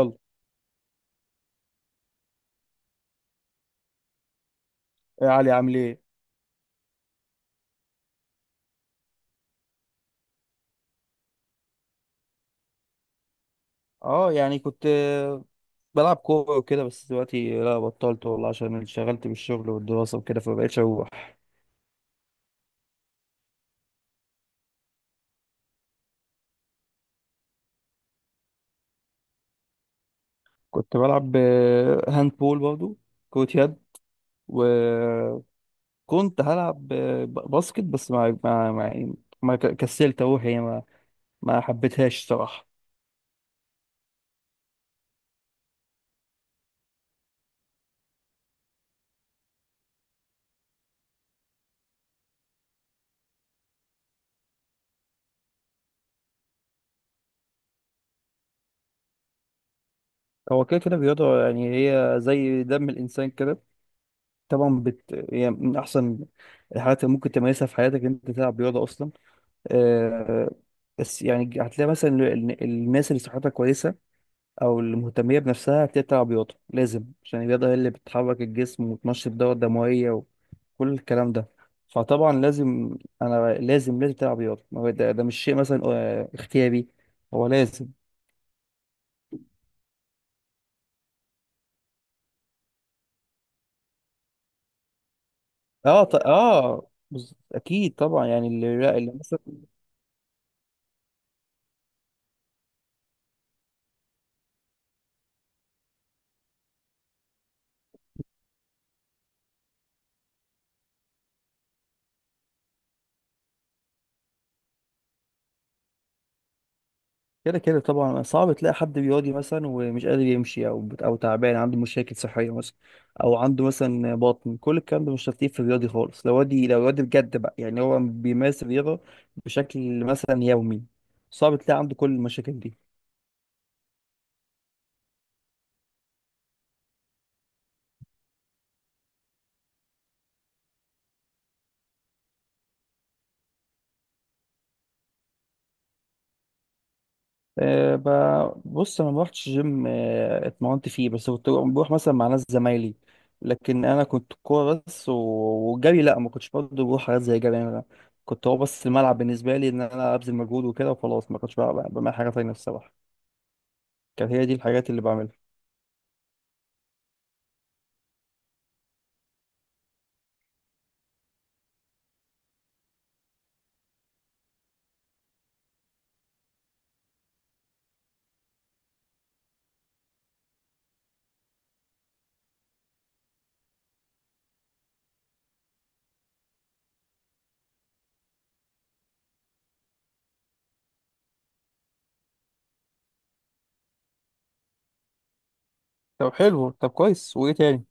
يلا يا علي، عامل ايه؟ اه يعني كنت بلعب كوره وكده، بس دلوقتي لا، بطلت والله عشان انشغلت بالشغل والدراسه وكده، فمبقتش اروح. كنت بلعب هاند بول برضو، كرة يد. وكنت هلعب باسكت، بس ما ما ما, ما ك- كسلت اروح يعني، ما حبيتهاش صراحه. هو كده كده رياضه، يعني هي زي دم الانسان كده. طبعا يعني من احسن الحاجات اللي ممكن تمارسها في حياتك إن انت تلعب رياضه اصلا. آه، بس يعني هتلاقي مثلا الناس اللي صحتها كويسة أو اللي مهتمية بنفسها، هتلاقي بتلعب رياضة لازم، عشان الرياضة هي اللي بتحرك الجسم وتنشط الدورة الدموية وكل الكلام ده. فطبعا لازم، أنا لازم تلعب رياضة. ما هو ده مش شيء مثلا اختياري، هو لازم. أكيد طبعا، يعني اللي مثلا كده كده طبعا، صعب تلاقي حد بيواجه مثلا ومش قادر يمشي، او تعبان عنده مشاكل صحيه مثلا، او عنده مثلا بطن، كل الكلام ده مش هتلاقيه في الرياضي خالص. لو وادي، لو وادي بجد بقى يعني، هو بيمارس الرياضه بشكل مثلا يومي، صعب تلاقي عنده كل المشاكل دي. بص انا ما روحتش جيم، اتمرنت فيه بس، كنت بروح مثلا مع ناس زمايلي. لكن انا كنت كوره بس والجري لا، ما كنتش برضه بروح حاجات زي جري. انا كنت هو بس الملعب بالنسبه لي، ان انا ابذل مجهود وكده وخلاص. ما كنتش بعمل حاجه تانية الصراحه، كانت هي دي الحاجات اللي بعملها. طب حلو، طب كويس، وايه تاني؟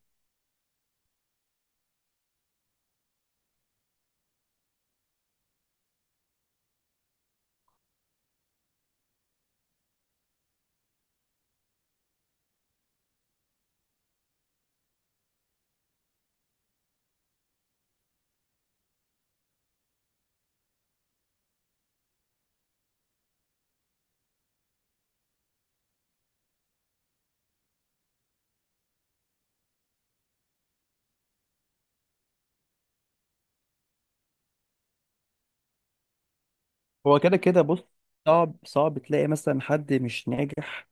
هو كده كده بص، صعب تلاقي مثلا حد مش ناجح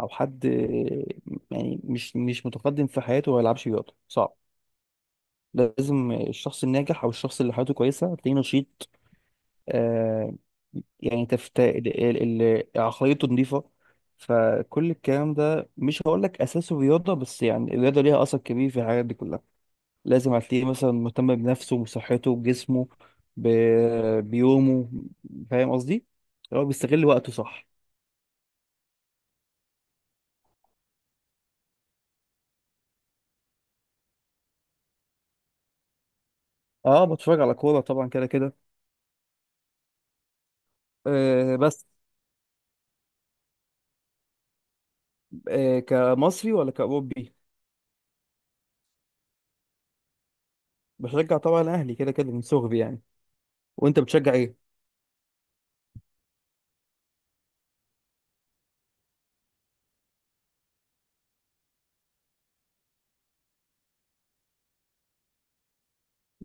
او حد يعني مش متقدم في حياته وما يلعبش رياضه، صعب. لازم الشخص الناجح او الشخص اللي حياته كويسه تلاقيه نشيط. آه. يعني تفت... ال- ال- ال- عقليته نظيفه. فكل الكلام ده مش هقول لك اساسه رياضه بس، يعني الرياضه ليها اثر كبير في الحاجات دي كلها. لازم هتلاقيه مثلا مهتم بنفسه وصحته بجسمه، ب... بيومه. فاهم قصدي؟ هو بيستغل وقته صح. اه بتفرج على كوره طبعا كده كده. آه بس، آه كمصري ولا كاوروبي؟ بشجع طبعا الاهلي كده كده من صغري يعني. وانت بتشجع ايه؟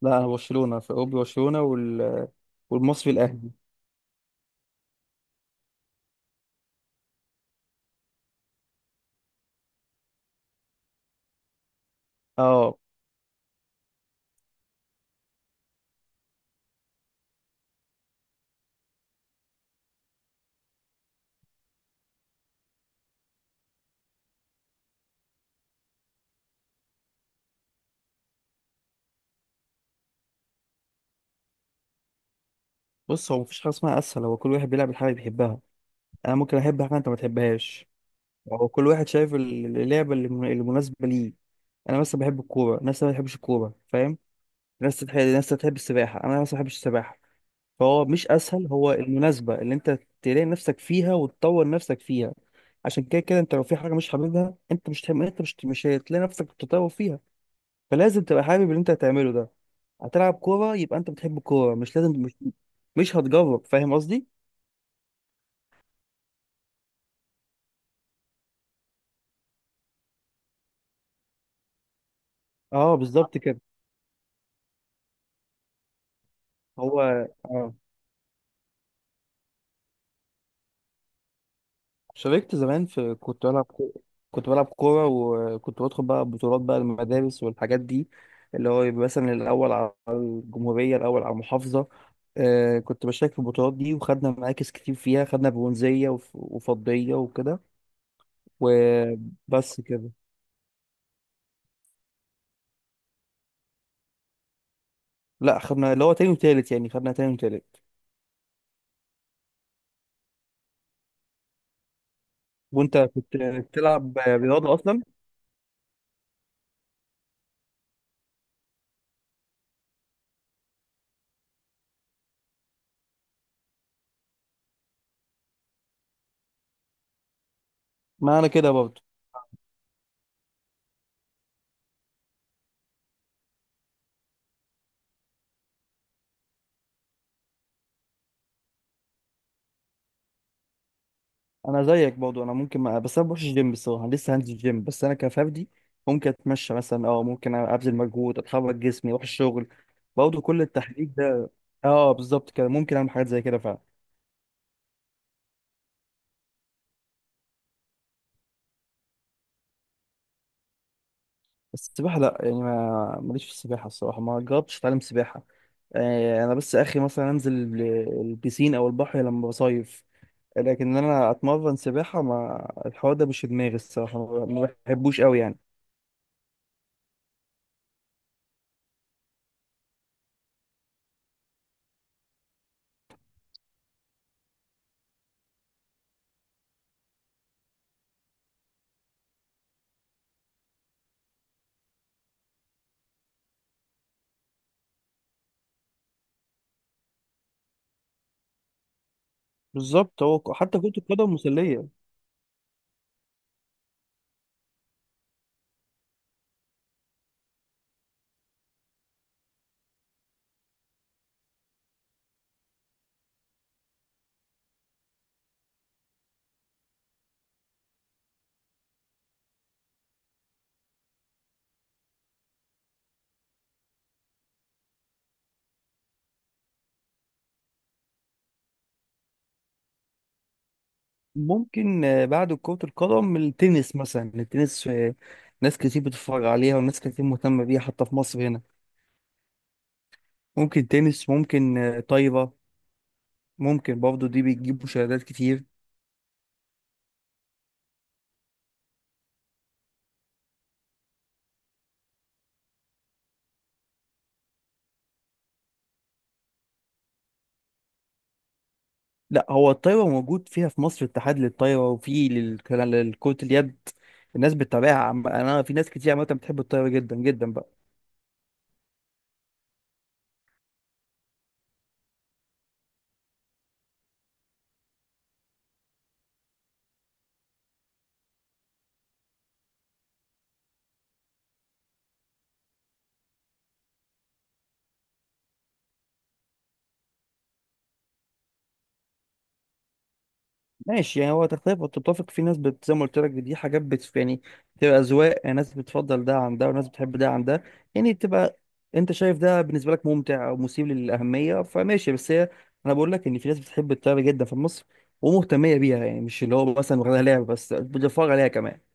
لا انا برشلونه، برشلونه والمصري الاهلي. اه بص، هو مفيش حاجه اسمها اسهل. هو كل واحد بيلعب الحاجه اللي بيحبها. انا ممكن احب حاجه انت ما تحبهاش. هو كل واحد شايف اللعبه اللي مناسبه ليه. انا مثلا بحب الكوره، ناس ما بتحبش الكوره، فاهم؟ ناس تحب السباحه، انا مثلا ما بحبش السباحه. فهو مش اسهل، هو المناسبه اللي انت تلاقي نفسك فيها وتطور نفسك فيها. عشان كده كده انت لو في حاجه مش حاببها، انت مش هتحب- انت مش هتلاقي نفسك بتتطور فيها. فلازم تبقى حابب اللي انت هتعمله ده. هتلعب كورة يبقى انت بتحب الكورة، مش لازم، مش مش هتجرب. فاهم قصدي؟ اه بالظبط كده. هو اه، شاركت زمان، في كنت بلعب كنت بلعب كورة، وكنت بدخل بقى بطولات بقى المدارس والحاجات دي، اللي هو يبقى مثلا الأول على الجمهورية، الأول على المحافظة. آه كنت بشارك في البطولات دي، وخدنا مراكز كتير فيها، خدنا برونزية وفضية وكده. وبس كده. لا خدنا اللي هو تاني وتالت، يعني خدنا تاني وتالت. وانت كنت بتلعب رياضة أصلا؟ ما انا كده برضه. انا زيك برضه، انا ممكن ما... بس انا بروحش الجيم الصراحه، لسه هنزل الجيم، بس انا كفردي ممكن اتمشى مثلا، اه ممكن ابذل مجهود، اتحرك جسمي، اروح الشغل برضه، كل التحريك ده. اه بالظبط كده، ممكن اعمل حاجات زي كده فعلا. بس السباحه لا، يعني ما ماليش في السباحه الصراحه، ما جربتش اتعلم سباحه. آه انا بس اخي مثلا انزل البيسين او البحر لما بصيف. لكن إن انا اتمرن سباحه، ما الحوار ده مش في دماغي الصراحه، ما بحبوش قوي يعني. بالظبط. هو حتى كرة القدم مسلية. ممكن بعد كرة القدم التنس مثلا، التنس ناس كتير بتتفرج عليها وناس كتير مهتمة بيها، حتى في مصر هنا. ممكن تنس، ممكن طايرة، ممكن برضه دي بتجيب مشاهدات كتير. لا هو الطايرة موجود فيها في مصر اتحاد للطايرة، وفي لكرة اليد. الناس بتتابعها، انا في ناس كتير عامة بتحب الطايرة جدا جدا بقى. ماشي، يعني هو تختلف وتتفق. في ناس زي ما قلت لك دي حاجات يعني بتبقى أذواق، يعني ناس بتفضل ده عن ده وناس بتحب ده عن ده. يعني بتبقى، أنت شايف ده بالنسبة لك ممتع أو مثير للأهمية فماشي، بس هي، أنا بقول لك إن في ناس بتحب الطيارة جدا في مصر ومهتمية بيها، يعني مش اللي هو مثلا واخدها لعب بس، بتتفرج عليها كمان.